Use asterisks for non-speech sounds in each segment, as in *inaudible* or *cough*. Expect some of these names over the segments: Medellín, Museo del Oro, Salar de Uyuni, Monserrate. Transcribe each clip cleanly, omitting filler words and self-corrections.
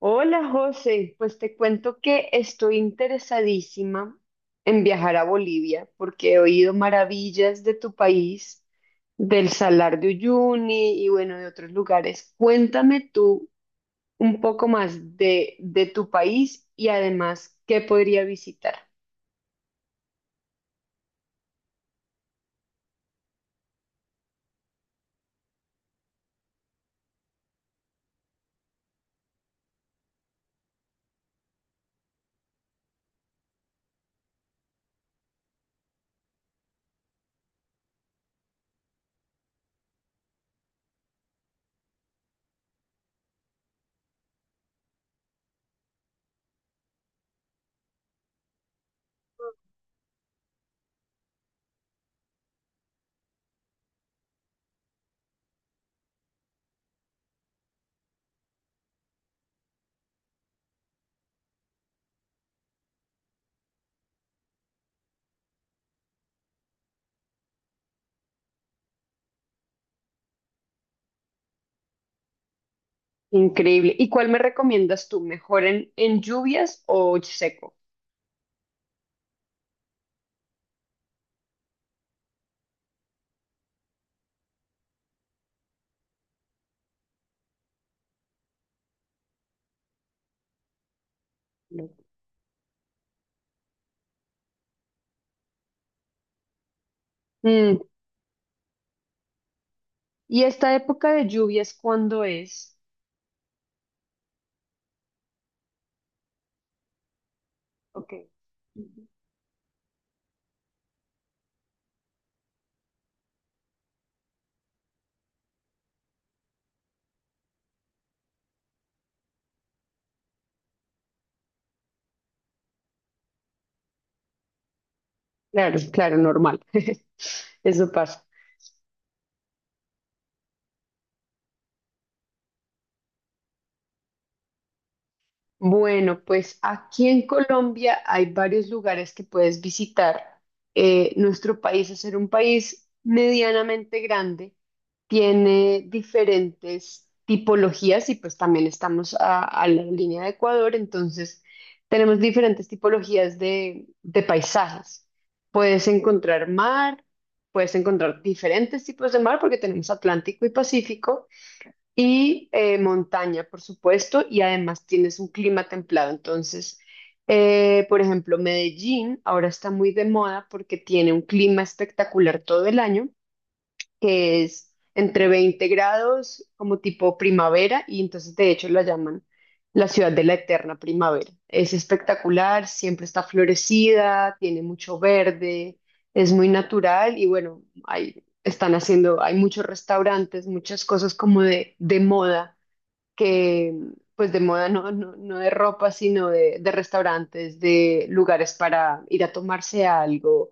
Hola José, pues te cuento que estoy interesadísima en viajar a Bolivia porque he oído maravillas de tu país, del Salar de Uyuni y bueno, de otros lugares. Cuéntame tú un poco más de tu país y además qué podría visitar. Increíble. ¿Y cuál me recomiendas tú? ¿Mejor en lluvias o seco? Mm, ¿y esta época de lluvias cuándo es? Ok. Claro, claro, normal. *laughs* Eso pasa. Bueno, pues aquí en Colombia hay varios lugares que puedes visitar. Nuestro país, es ser un país medianamente grande, tiene diferentes tipologías y pues también estamos a la línea de Ecuador, entonces tenemos diferentes tipologías de paisajes. Puedes encontrar mar, puedes encontrar diferentes tipos de mar porque tenemos Atlántico y Pacífico. Y montaña, por supuesto, y además tienes un clima templado. Entonces, por ejemplo, Medellín ahora está muy de moda porque tiene un clima espectacular todo el año que es entre 20 grados, como tipo primavera, y entonces de hecho la llaman la ciudad de la eterna primavera. Es espectacular, siempre está florecida, tiene mucho verde, es muy natural y bueno, hay, están haciendo, hay muchos restaurantes, muchas cosas como de moda que pues de moda no, no, no de ropa, sino de restaurantes, de lugares para ir a tomarse algo.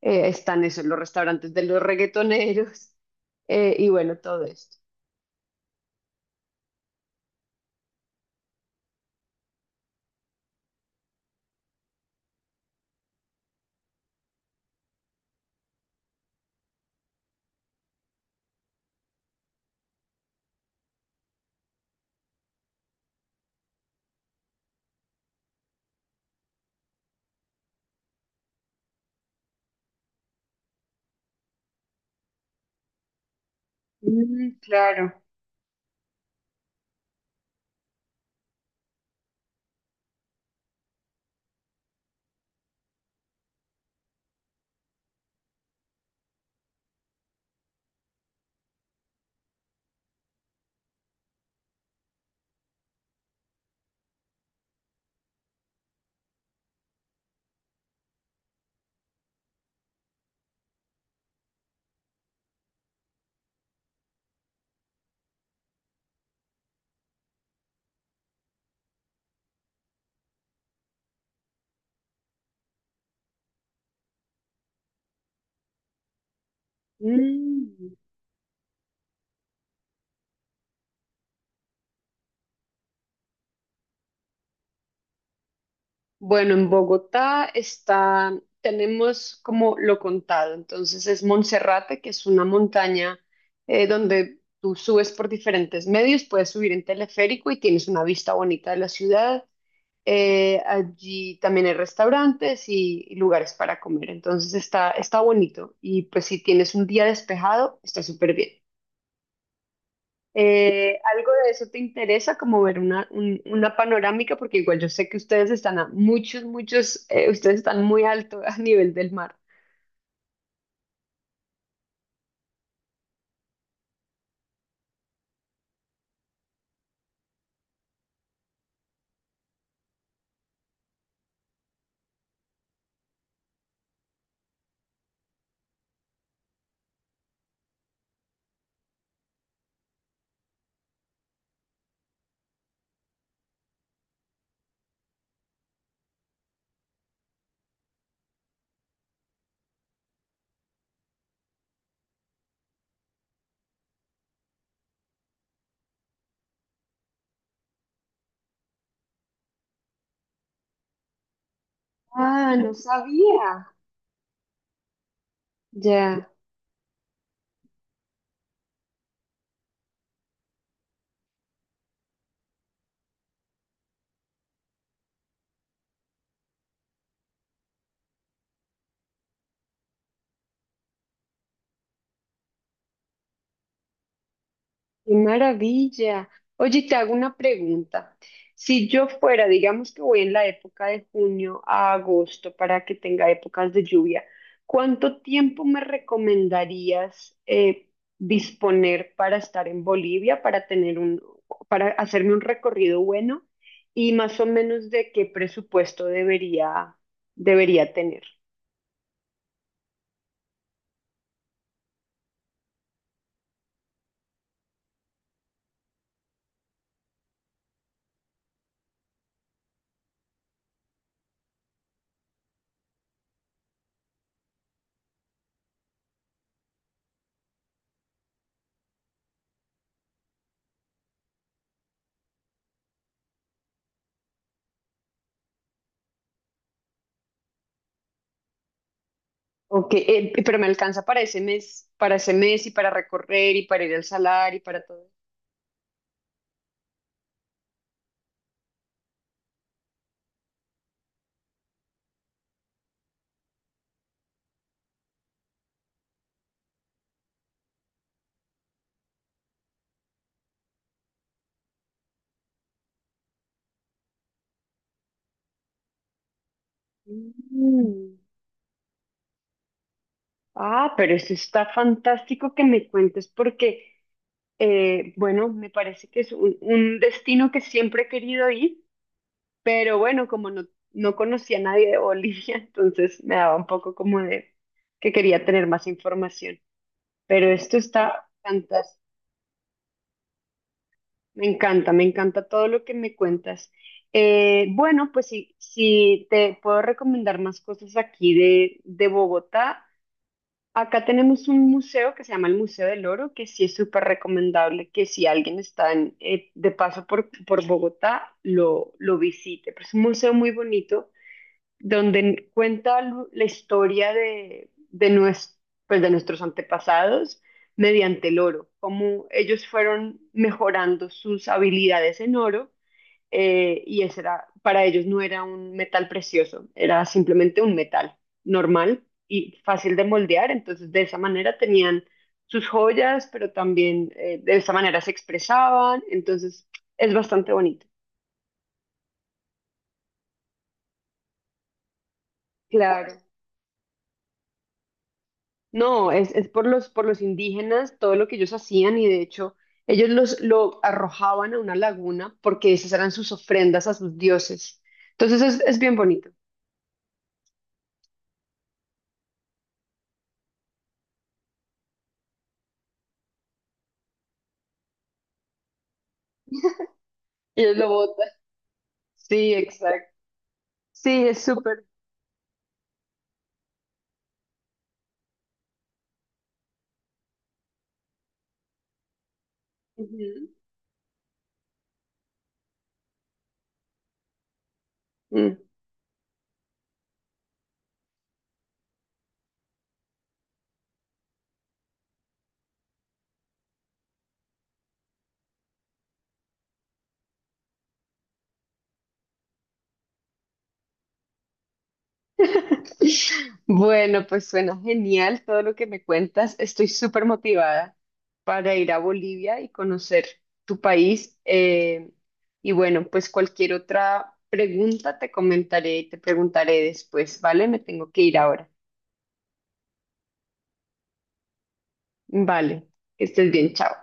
Están esos, los restaurantes de los reggaetoneros y bueno, todo esto. Mm, claro. Mm. Bueno, en Bogotá está, tenemos como lo contado, entonces es Monserrate, que es una montaña donde tú subes por diferentes medios, puedes subir en teleférico y tienes una vista bonita de la ciudad. Allí también hay restaurantes y lugares para comer, entonces está, está bonito y pues si tienes un día despejado, está súper bien. ¿Algo de eso te interesa, como ver una, una panorámica? Porque igual yo sé que ustedes están a muchos, muchos, ustedes están muy alto *laughs* a nivel del mar. Ah, no sabía. Ya. Qué maravilla. Oye, te hago una pregunta. Si yo fuera, digamos que voy en la época de junio a agosto para que tenga épocas de lluvia, ¿cuánto tiempo me recomendarías disponer para estar en Bolivia, para tener un, para hacerme un recorrido bueno y más o menos de qué presupuesto debería, debería tener? Ok, pero me alcanza para ese mes y para recorrer y para ir al salar y para todo. Mm. Ah, pero eso está fantástico que me cuentes porque, bueno, me parece que es un destino que siempre he querido ir, pero bueno, como no, no conocía a nadie de Bolivia, *laughs* entonces me daba un poco como de que quería tener más información. Pero esto está fantástico. Me encanta todo lo que me cuentas. Bueno, pues si, si te puedo recomendar más cosas aquí de Bogotá. Acá tenemos un museo que se llama el Museo del Oro, que sí es súper recomendable que si alguien está en, de paso por Bogotá, lo visite. Pero es un museo muy bonito donde cuenta la historia de, pues, de nuestros antepasados mediante el oro, cómo ellos fueron mejorando sus habilidades en oro y ese era, para ellos no era un metal precioso, era simplemente un metal normal y fácil de moldear, entonces de esa manera tenían sus joyas, pero también de esa manera se expresaban, entonces es bastante bonito. Claro. No, es por los indígenas, todo lo que ellos hacían y de hecho ellos los, lo arrojaban a una laguna porque esas eran sus ofrendas a sus dioses. Entonces es bien bonito. Y él lo bota. Sí, exacto. Sí, es súper. Ujú. Mm. *laughs* Bueno, pues suena genial todo lo que me cuentas. Estoy súper motivada para ir a Bolivia y conocer tu país. Y bueno, pues cualquier otra pregunta te comentaré y te preguntaré después, ¿vale? Me tengo que ir ahora. Vale, que estés bien, chao.